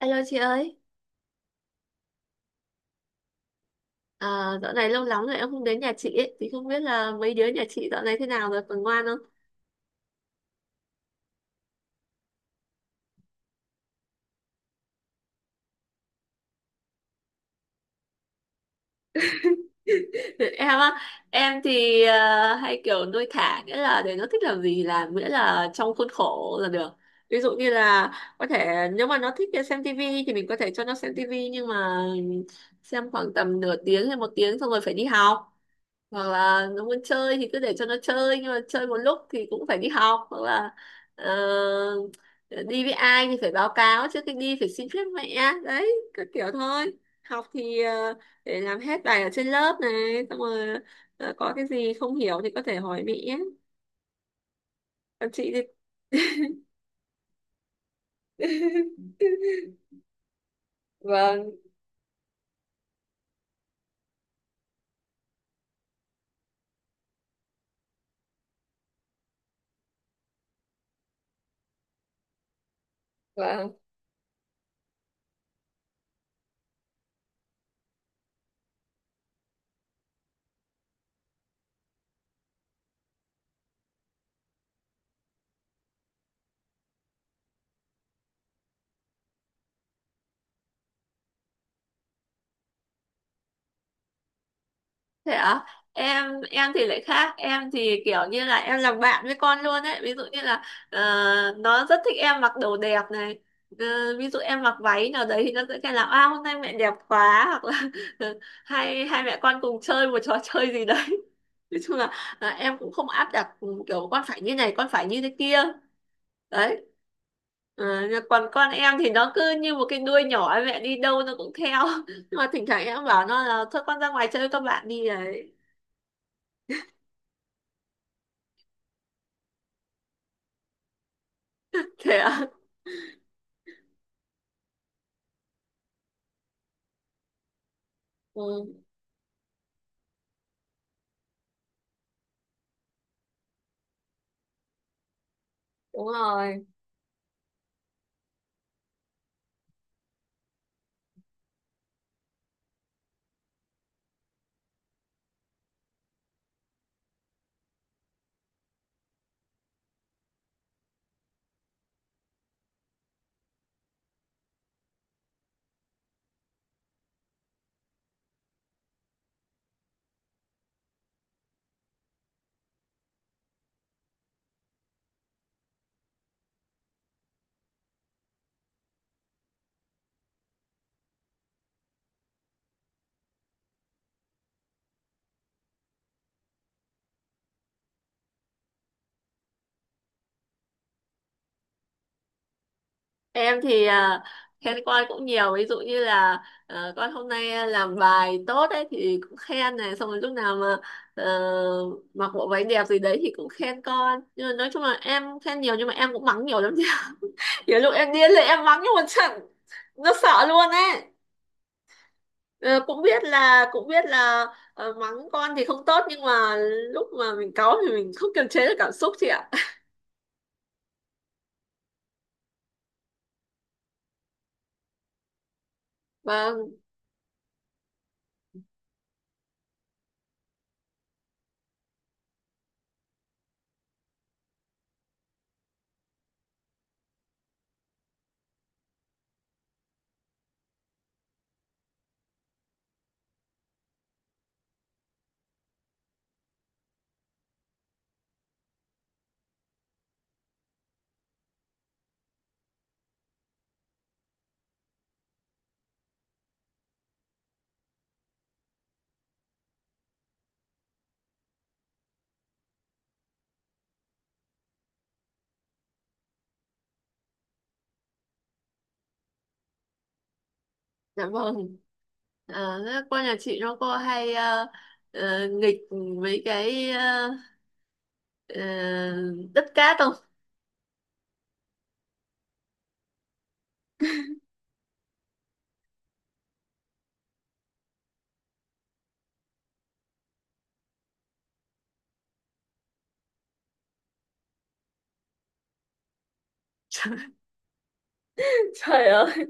Alo chị ơi, à, dạo này lâu lắm rồi em không đến nhà chị ấy. Thì không biết là mấy đứa nhà chị dạo này thế nào rồi, còn ngoan không? Em á, em thì hay kiểu nuôi thả, nghĩa là để nó thích làm gì làm, miễn là trong khuôn khổ là được. Ví dụ như là có thể nếu mà nó thích xem tivi thì mình có thể cho nó xem tivi, nhưng mà xem khoảng tầm nửa tiếng hay một tiếng xong rồi phải đi học. Hoặc là nó muốn chơi thì cứ để cho nó chơi, nhưng mà chơi một lúc thì cũng phải đi học, hoặc là ờ, đi với ai thì phải báo cáo, trước khi đi phải xin phép mẹ, đấy các kiểu thôi. Học thì để làm hết bài ở trên lớp này, xong rồi có cái gì không hiểu thì có thể hỏi mẹ, còn chị thì vâng, vâng. Thế ạ? Em thì lại khác, em thì kiểu như là em làm bạn với con luôn ấy, ví dụ như là ờ, nó rất thích em mặc đồ đẹp này. Ờ, ví dụ em mặc váy nào đấy thì nó sẽ kêu là à, hôm nay mẹ đẹp quá, hoặc là hai hai mẹ con cùng chơi một trò chơi gì đấy. Nói chung là em cũng không áp đặt, ừ, kiểu con phải như này, con phải như thế kia. Đấy. Ờ, nhưng còn con em thì nó cứ như một cái đuôi nhỏ, mẹ đi đâu nó cũng theo, nhưng mà thỉnh thoảng em bảo nó là thôi con ra ngoài chơi với các bạn đi đấy. Thế ạ. Ừ, đúng rồi. Em thì khen con cũng nhiều, ví dụ như là ờ, con hôm nay làm bài tốt ấy thì cũng khen này, xong rồi lúc nào mà ờ, mặc bộ váy đẹp gì đấy thì cũng khen con, nhưng mà nói chung là em khen nhiều, nhưng mà em cũng mắng nhiều lắm chứ. Nhiều lúc em điên lên em mắng, nhưng mà chẳng nó sợ luôn ấy. Ờ, cũng biết là, cũng biết là ờ, mắng con thì không tốt, nhưng mà lúc mà mình cáu thì mình không kiềm chế được cảm xúc chị ạ. Vâng. Dạ vâng. À, cô nhà chị nó cô hay nghịch mấy cái ờ, đất cát không? Trời, trời ơi.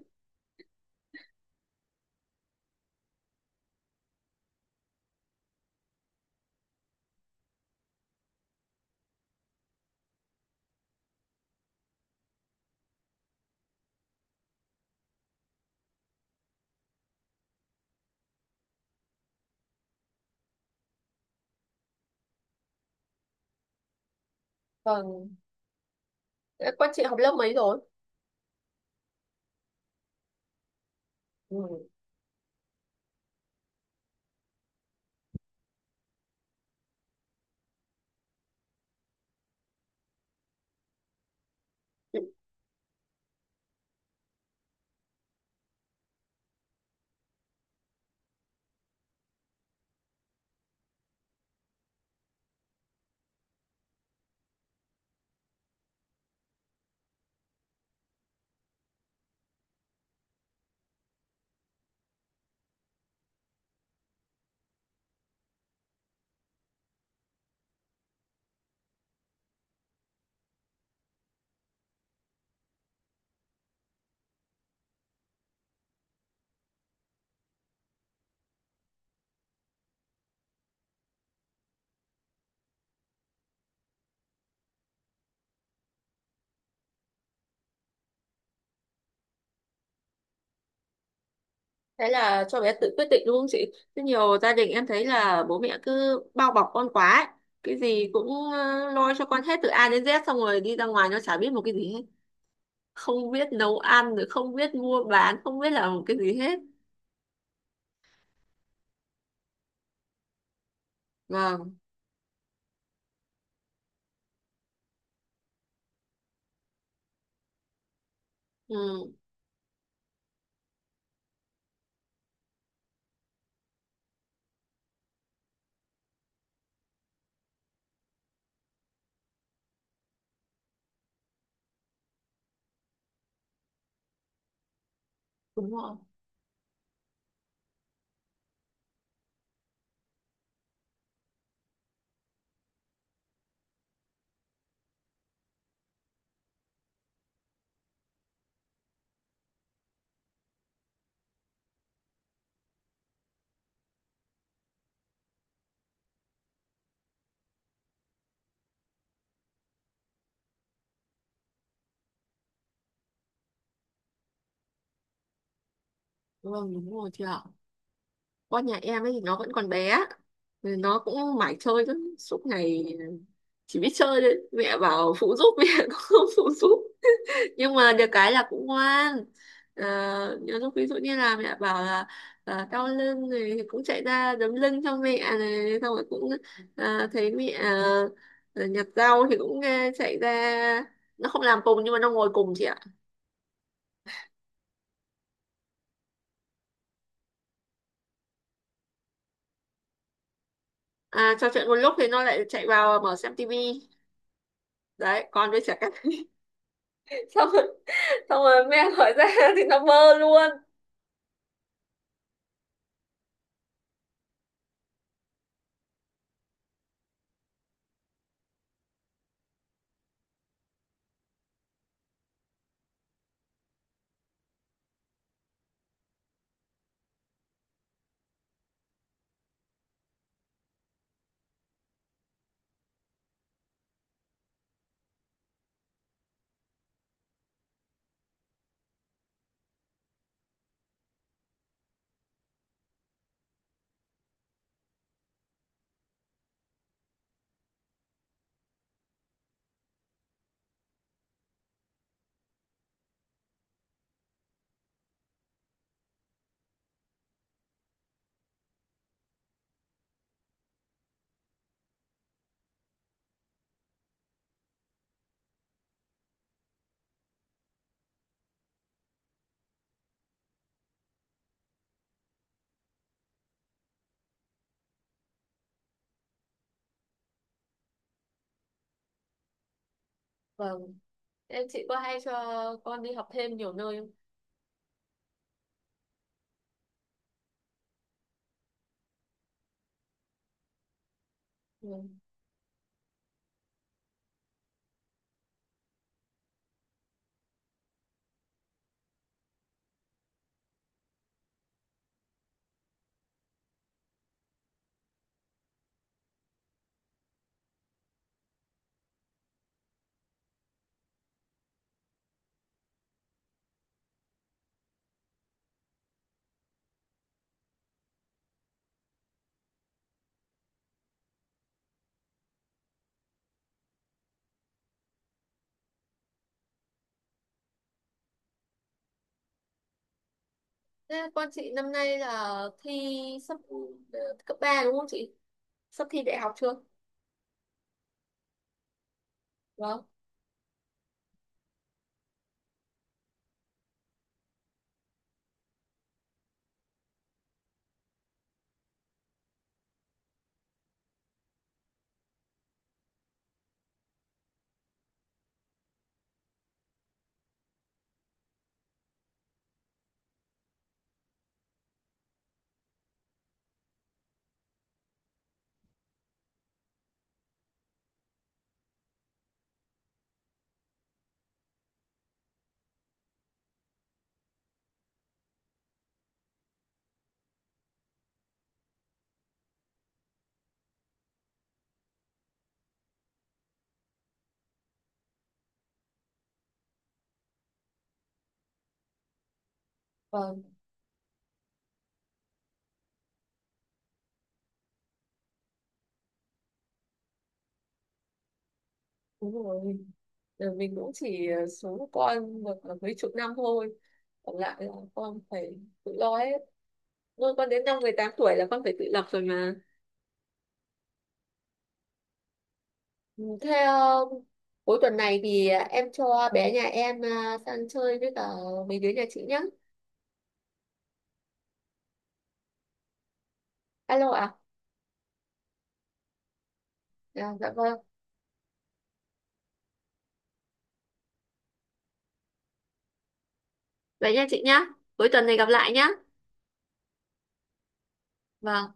Vâng. Thế con chị học lớp mấy rồi? Ừ. Thế là cho bé tự quyết định đúng không chị? Thế nhiều gia đình em thấy là bố mẹ cứ bao bọc con quá ấy. Cái gì cũng lo cho con hết từ A đến Z, xong rồi đi ra ngoài nó chả biết một cái gì hết. Không biết nấu ăn, rồi không biết mua bán, không biết làm một cái gì hết. Vâng. Ừ. Đúng rồi. Vâng, đúng rồi chị ạ. Con nhà em ấy thì nó vẫn còn bé. Nên nó cũng mải chơi lắm. Suốt ngày chỉ biết chơi thôi. Mẹ bảo phụ giúp, mẹ cũng không phụ giúp. Nhưng mà được cái là cũng ngoan. À, nhiều lúc ví dụ như là mẹ bảo là à, đau lưng này thì cũng chạy ra đấm lưng cho mẹ này. Xong rồi cũng à, thấy mẹ à, nhặt rau thì cũng à, chạy ra. Nó không làm cùng nhưng mà nó ngồi cùng chị ạ. À, trò chuyện một lúc thì nó lại chạy vào mở xem tivi. Đấy, con với trẻ con. Xong, xong rồi mẹ hỏi ra thì nó bơ luôn. Vâng. Em, chị có hay cho con đi học thêm nhiều nơi không? Ừ. Thế con chị năm nay là thi sắp ờ, cấp 3 đúng không chị? Sắp thi đại học chưa? Vâng. Vâng. Đúng rồi. Ờ, mình cũng chỉ số của con được là mấy chục năm thôi. Còn lại là con phải tự lo hết. Nuôi con đến năm 18 tuổi là con phải tự lập rồi mà. Ừ, thế cuối tuần này thì em cho bé nhà em sang chơi với cả mấy đứa nhà chị nhé. Alo ạ. Dạ, dạ vâng. Vậy nha chị nhá. Cuối tuần này gặp lại nhá. Vâng.